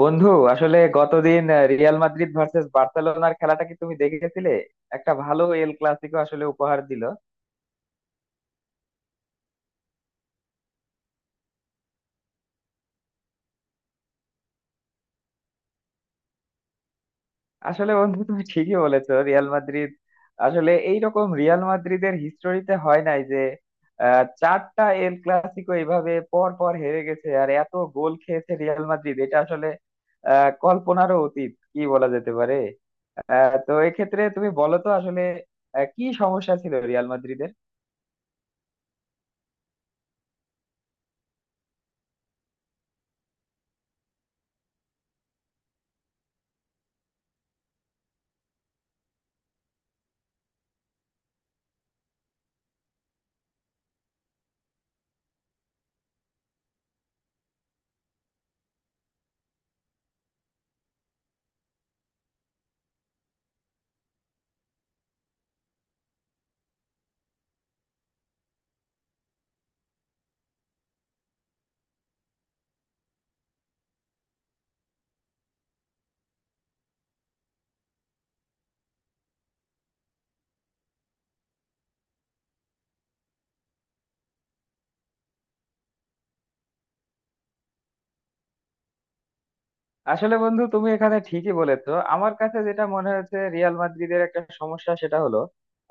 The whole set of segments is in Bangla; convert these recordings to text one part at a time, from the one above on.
বন্ধু আসলে গতদিন রিয়াল মাদ্রিদ ভার্সেস বার্সেলোনার খেলাটা কি তুমি দেখেছিলে? একটা ভালো এল ক্লাসিকো আসলে উপহার দিল। আসলে বন্ধু তুমি ঠিকই বলেছো, রিয়াল মাদ্রিদ আসলে এইরকম রিয়াল মাদ্রিদের হিস্টোরিতে হয় নাই যে চারটা এল ক্লাসিকো এইভাবে পর পর হেরে গেছে আর এত গোল খেয়েছে রিয়াল মাদ্রিদ, এটা আসলে কল্পনারও অতীত কি বলা যেতে পারে। তো এক্ষেত্রে তুমি বলো তো আসলে কি সমস্যা ছিল রিয়াল মাদ্রিদের। আসলে বন্ধু তুমি এখানে ঠিকই বলেছো, আমার কাছে যেটা মনে হয়েছে রিয়াল মাদ্রিদের একটা সমস্যা সেটা হলো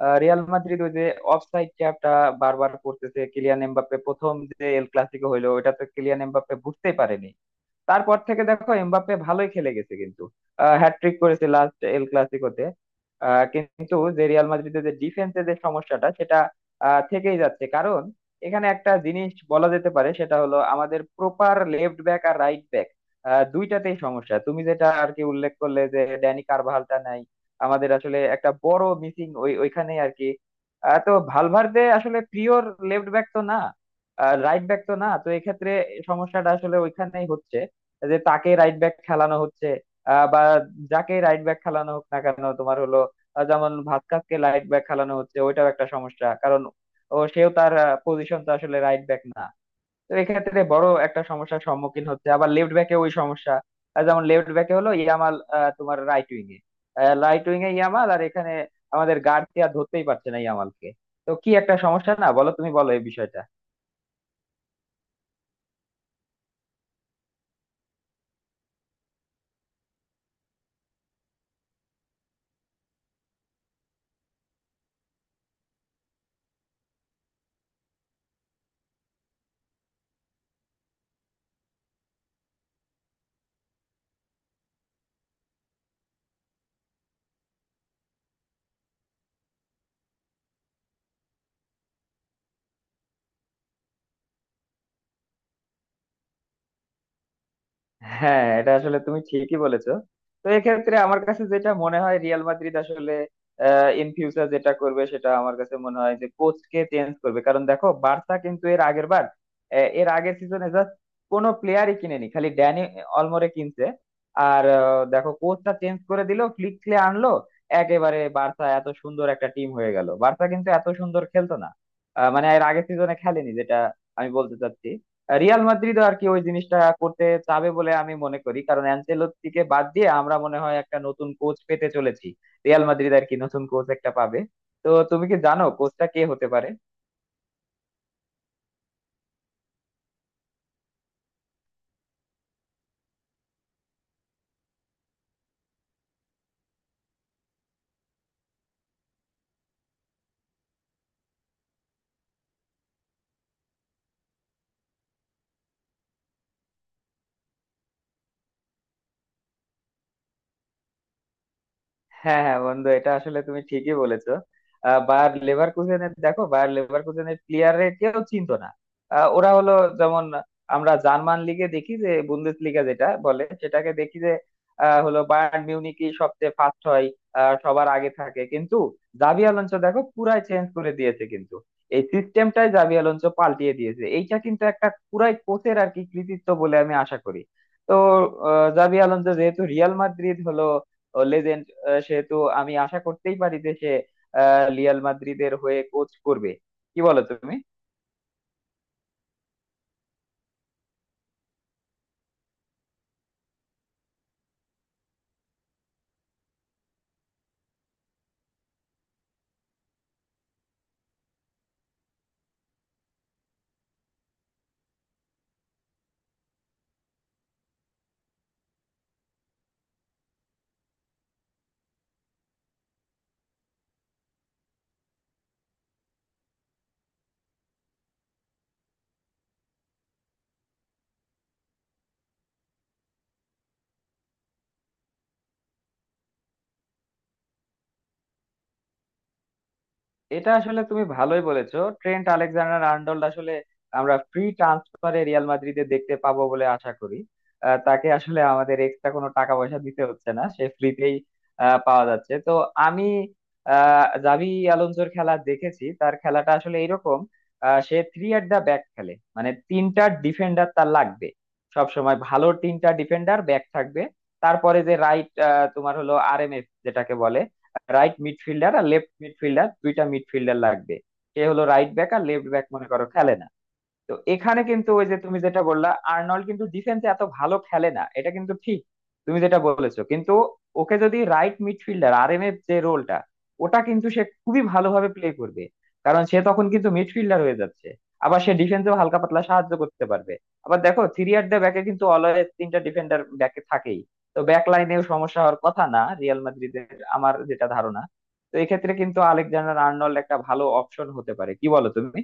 রিয়াল মাদ্রিদ ওই যে অফসাইড ট্যাপটা বারবার করতেছে। কিলিয়ান এমবাপ্পে প্রথম যে এল ক্লাসিকো হইলো ওটা তো কিলিয়ান এমবাপ্পে বুঝতেই পারেনি। তারপর থেকে দেখো এমবাপ্পে ভালোই খেলে গেছে, কিন্তু হ্যাটট্রিক করেছে লাস্ট এল ক্লাসিকোতে। কিন্তু যে রিয়াল মাদ্রিদের যে ডিফেন্সের যে সমস্যাটা সেটা থেকেই যাচ্ছে। কারণ এখানে একটা জিনিস বলা যেতে পারে সেটা হলো, আমাদের প্রপার লেফট ব্যাক আর রাইট ব্যাক দুইটাতেই সমস্যা। তুমি যেটা আর কি উল্লেখ করলে যে ড্যানি কারভালটা নাই, আমাদের আসলে একটা বড় মিসিং ওইখানেই আর কি। তো ভালভার্দে আসলে পিওর লেফট ব্যাক তো না, রাইট ব্যাক তো না, তো এক্ষেত্রে সমস্যাটা আসলে ওইখানেই হচ্ছে যে তাকে রাইট ব্যাক খেলানো হচ্ছে বা যাকে রাইট ব্যাক খেলানো হোক না কেন তোমার হলো যেমন ভাস্কাসকে রাইট ব্যাক খেলানো হচ্ছে, ওইটাও একটা সমস্যা। কারণ ও সেও তার পজিশন তো আসলে রাইট ব্যাক না, তো এক্ষেত্রে বড় একটা সমস্যার সম্মুখীন হচ্ছে। আবার লেফট ব্যাকে ওই সমস্যা, যেমন লেফট ব্যাকে হলো ইয়ামাল, তোমার রাইট উইং এ রাইট উইং এ ইয়ামাল, আর এখানে আমাদের গার্ড আর ধরতেই পারছে না ইয়ামালকে। তো কি একটা সমস্যা না, বলো তুমি, বলো এই বিষয়টা। হ্যাঁ, এটা আসলে তুমি ঠিকই বলেছো। তো এক্ষেত্রে আমার কাছে যেটা মনে হয় রিয়াল মাদ্রিদ আসলে ইন ফিউচার যেটা করবে সেটা আমার কাছে মনে হয় যে কোচকে চেঞ্জ করবে। কারণ দেখো বার্সা কিন্তু এর আগের বার এর আগের সিজনে জাস্ট কোনো প্লেয়ারই কিনেনি, খালি ড্যানি অলমোরে কিনছে আর দেখো কোচটা চেঞ্জ করে দিল, ফ্লিক ক্লে আনলো, একেবারে বার্সা এত সুন্দর একটা টিম হয়ে গেল। বার্সা কিন্তু এত সুন্দর খেলতো না মানে এর আগের সিজনে খেলেনি, যেটা আমি বলতে চাচ্ছি। রিয়াল মাদ্রিদ আর কি ওই জিনিসটা করতে চাবে বলে আমি মনে করি, কারণ অ্যানচেলত্তিকে বাদ দিয়ে আমরা মনে হয় একটা নতুন কোচ পেতে চলেছি। রিয়াল মাদ্রিদ আর কি নতুন কোচ একটা পাবে। তো তুমি কি জানো কোচটা কে হতে পারে? হ্যাঁ হ্যাঁ বন্ধু, এটা আসলে তুমি ঠিকই বলেছো। বায়ার লেভারকুসেনের, দেখো বায়ার লেভারকুসেনের প্লেয়াররা কেউ চিনতো না। ওরা হলো যেমন, আমরা জার্মান লিগে দেখি যে বুন্দেস লিগা যেটা বলে সেটাকে দেখি যে হলো বায়ার্ন মিউনিখই সবচেয়ে ফার্স্ট হয় সবার আগে থাকে, কিন্তু জাভি আলোনসো দেখো পুরাই চেঞ্জ করে দিয়েছে। কিন্তু এই সিস্টেমটাই জাভি আলোনসো পাল্টিয়ে দিয়েছে, এইটা কিন্তু একটা পুরাই কোচের আর কি কৃতিত্ব বলে আমি আশা করি। তো জাভি আলোনসো যেহেতু রিয়াল মাদ্রিদ হলো লেজেন্ড, সেহেতু আমি আশা করতেই পারি যে সে রিয়াল মাদ্রিদের হয়ে কোচ করবে। কি বলো তুমি? এটা আসলে তুমি ভালোই বলেছো। ট্রেন্ট আলেকজান্ডার আর্নল্ড আসলে আমরা ফ্রি ট্রান্সফারে রিয়াল মাদ্রিদে দেখতে পাবো বলে আশা করি। তাকে আসলে আমাদের এক্সট্রা কোনো টাকা পয়সা দিতে হচ্ছে না, সে ফ্রিতেই পাওয়া যাচ্ছে। তো আমি জাভি আলোনসোর খেলা দেখেছি, তার খেলাটা আসলে এরকম— সে থ্রি অ্যাট দা ব্যাক খেলে, মানে তিনটা ডিফেন্ডার তার লাগবে। সব সময় ভালো তিনটা ডিফেন্ডার ব্যাক থাকবে, তারপরে যে রাইট তোমার হলো আরএমএফ যেটাকে বলে, রাইট মিডফিল্ডার আর লেফট মিডফিল্ডার, দুইটা মিডফিল্ডার লাগবে। সে হলো রাইট ব্যাক আর লেফট ব্যাক মনে করো খেলে না। তো এখানে কিন্তু ওই যে তুমি যেটা বললা, আর্নল্ড কিন্তু ডিফেন্সে এত ভালো খেলে না, এটা কিন্তু ঠিক তুমি যেটা বলেছো। কিন্তু ওকে যদি রাইট মিডফিল্ডার আরএমএফ যে রোলটা, ওটা কিন্তু সে খুবই ভালোভাবে প্লে করবে। কারণ সে তখন কিন্তু মিডফিল্ডার হয়ে যাচ্ছে, আবার সে ডিফেন্সেও হালকা পাতলা সাহায্য করতে পারবে। আবার দেখো থ্রি অ্যাট দ্য ব্যাকে কিন্তু অলওয়েজ তিনটা ডিফেন্ডার ব্যাকে থাকেই, তো ব্যাক লাইনেও সমস্যা হওয়ার কথা না রিয়াল মাদ্রিদের, আমার যেটা ধারণা। তো এক্ষেত্রে কিন্তু আলেকজান্ডার আর্নল্ড একটা ভালো অপশন হতে পারে, কি বলো তুমি?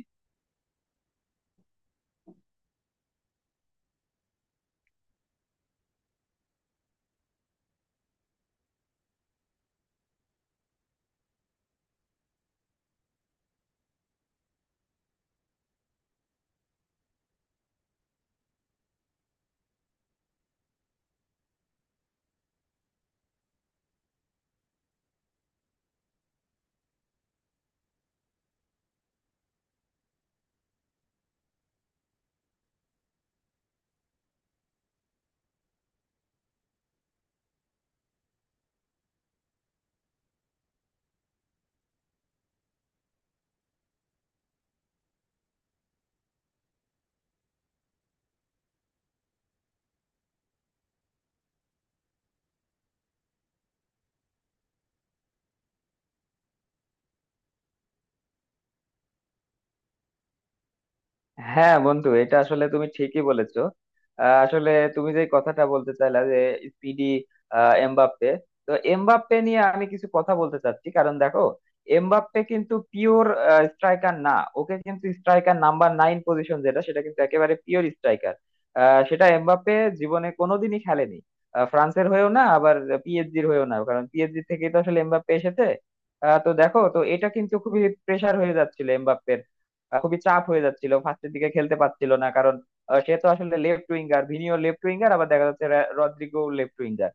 হ্যাঁ বন্ধু, এটা আসলে তুমি ঠিকই বলেছো। আসলে তুমি যে কথাটা বলতে চাইলা যে স্পিডি এমবাপ্পে, তো এমবাপ্পে নিয়ে আমি কিছু কথা বলতে চাচ্ছি। কারণ দেখো এমবাপ্পে কিন্তু পিওর স্ট্রাইকার না। ওকে কিন্তু স্ট্রাইকার নাম্বার নাইন পজিশন যেটা সেটা কিন্তু একেবারে পিওর স্ট্রাইকার, সেটা এমবাপ্পে জীবনে কোনোদিনই খেলেনি। ফ্রান্সের হয়েও না, আবার পিএসজির হয়েও না, কারণ পিএসজি থেকেই তো আসলে এমবাপ্পে এসেছে। তো দেখো তো এটা কিন্তু খুবই প্রেসার হয়ে যাচ্ছিল এমবাপ্পে, খুবই চাপ হয়ে যাচ্ছিল, ফার্স্টের দিকে খেলতে পারছিল না। কারণ সে তো আসলে লেফট উইঙ্গার, ভিনিও লেফট উইঙ্গার, আবার দেখা যাচ্ছে রদ্রিগো লেফট উইঙ্গার।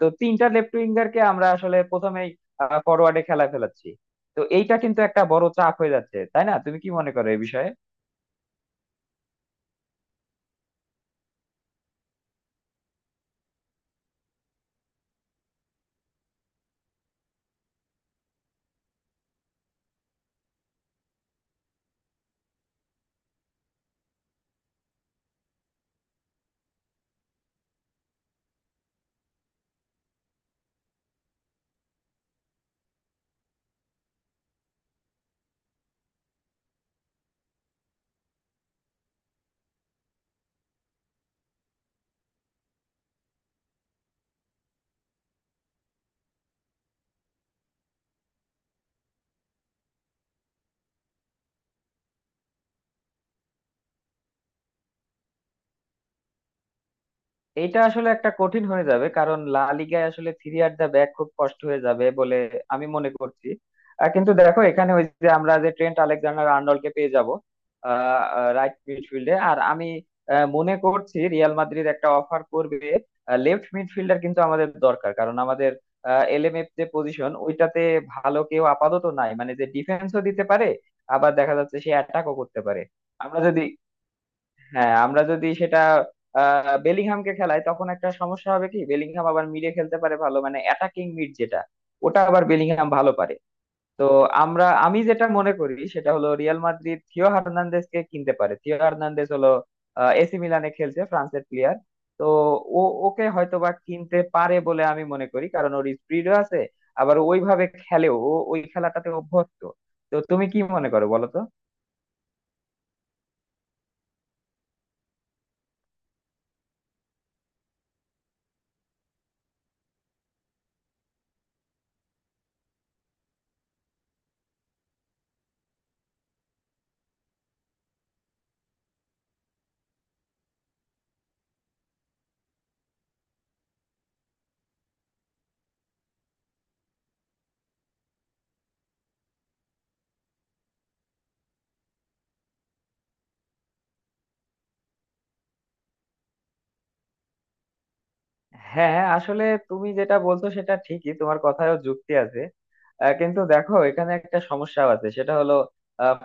তো তিনটা লেফট উইঙ্গারকে আমরা আসলে প্রথমেই ফরওয়ার্ডে খেলা ফেলাচ্ছি, তো এইটা কিন্তু একটা বড় চাপ হয়ে যাচ্ছে তাই না? তুমি কি মনে করো এই বিষয়ে? এটা আসলে একটা কঠিন হয়ে যাবে, কারণ লা লিগায় আসলে থ্রি আর দা ব্যাক খুব কষ্ট হয়ে যাবে বলে আমি মনে করছি। কিন্তু দেখো এখানে ওই যে আমরা যে ট্রেন্ট আলেকজান্ডার আর্নল্ডকে পেয়ে যাব রাইট মিডফিল্ডে, আর আমি মনে করছি রিয়াল মাদ্রিদ একটা অফার করবে। লেফট মিডফিল্ডার কিন্তু আমাদের দরকার, কারণ আমাদের এলএমএফ যে পজিশন ওইটাতে ভালো কেউ আপাতত নাই, মানে যে ডিফেন্সও দিতে পারে আবার দেখা যাচ্ছে সে অ্যাটাকও করতে পারে। আমরা যদি হ্যাঁ, আমরা যদি সেটা বেলিংহামকে খেলাই তখন একটা সমস্যা হবে কি, বেলিংহাম আবার মিডে খেলতে পারে ভালো, মানে অ্যাটাকিং মিড যেটা, ওটা আবার বেলিংহাম ভালো পারে। তো আমি যেটা মনে করি সেটা হলো রিয়াল মাদ্রিদ থিও হার্নান্দেজ কে কিনতে পারে। থিও হার্নান্দেজ হলো এসি মিলানে খেলছে, ফ্রান্সের প্লেয়ার। তো ও ওকে হয়তোবা কিনতে পারে বলে আমি মনে করি, কারণ ওর স্পিডও আছে। আবার ওইভাবে খেলেও ও ওই খেলাটাতে অভ্যস্ত। তো তুমি কি মনে করো, বলো তো? হ্যাঁ আসলে তুমি যেটা বলছো সেটা ঠিকই, তোমার কথায়ও যুক্তি আছে। কিন্তু দেখো এখানে একটা সমস্যা আছে, সেটা হলো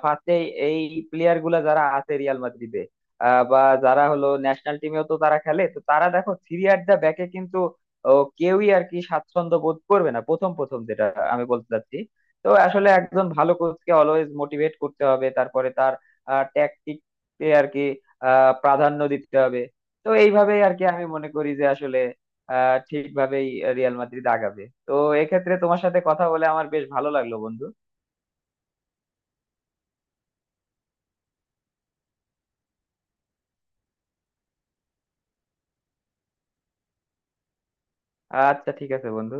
ফার্স্টে এই প্লেয়ার গুলা যারা আছে রিয়াল মাদ্রিদে বা যারা হলো ন্যাশনাল টিমেও তো তারা খেলে, তো তারা দেখো থ্রি অ্যাট দা ব্যাকে কিন্তু ও, কেউই আর কি স্বাচ্ছন্দ্য বোধ করবে না প্রথম প্রথম, যেটা আমি বলতে চাচ্ছি। তো আসলে একজন ভালো কোচকে অলওয়েজ মোটিভেট করতে হবে, তারপরে তার ট্যাকটিক আর কি প্রাধান্য দিতে হবে। তো এইভাবেই আর কি আমি মনে করি যে আসলে ঠিকভাবেই রিয়াল মাদ্রিদ আগাবে। তো এক্ষেত্রে তোমার সাথে কথা বলে আমার বেশ ভালো লাগলো বন্ধু। আচ্ছা ঠিক আছে বন্ধু।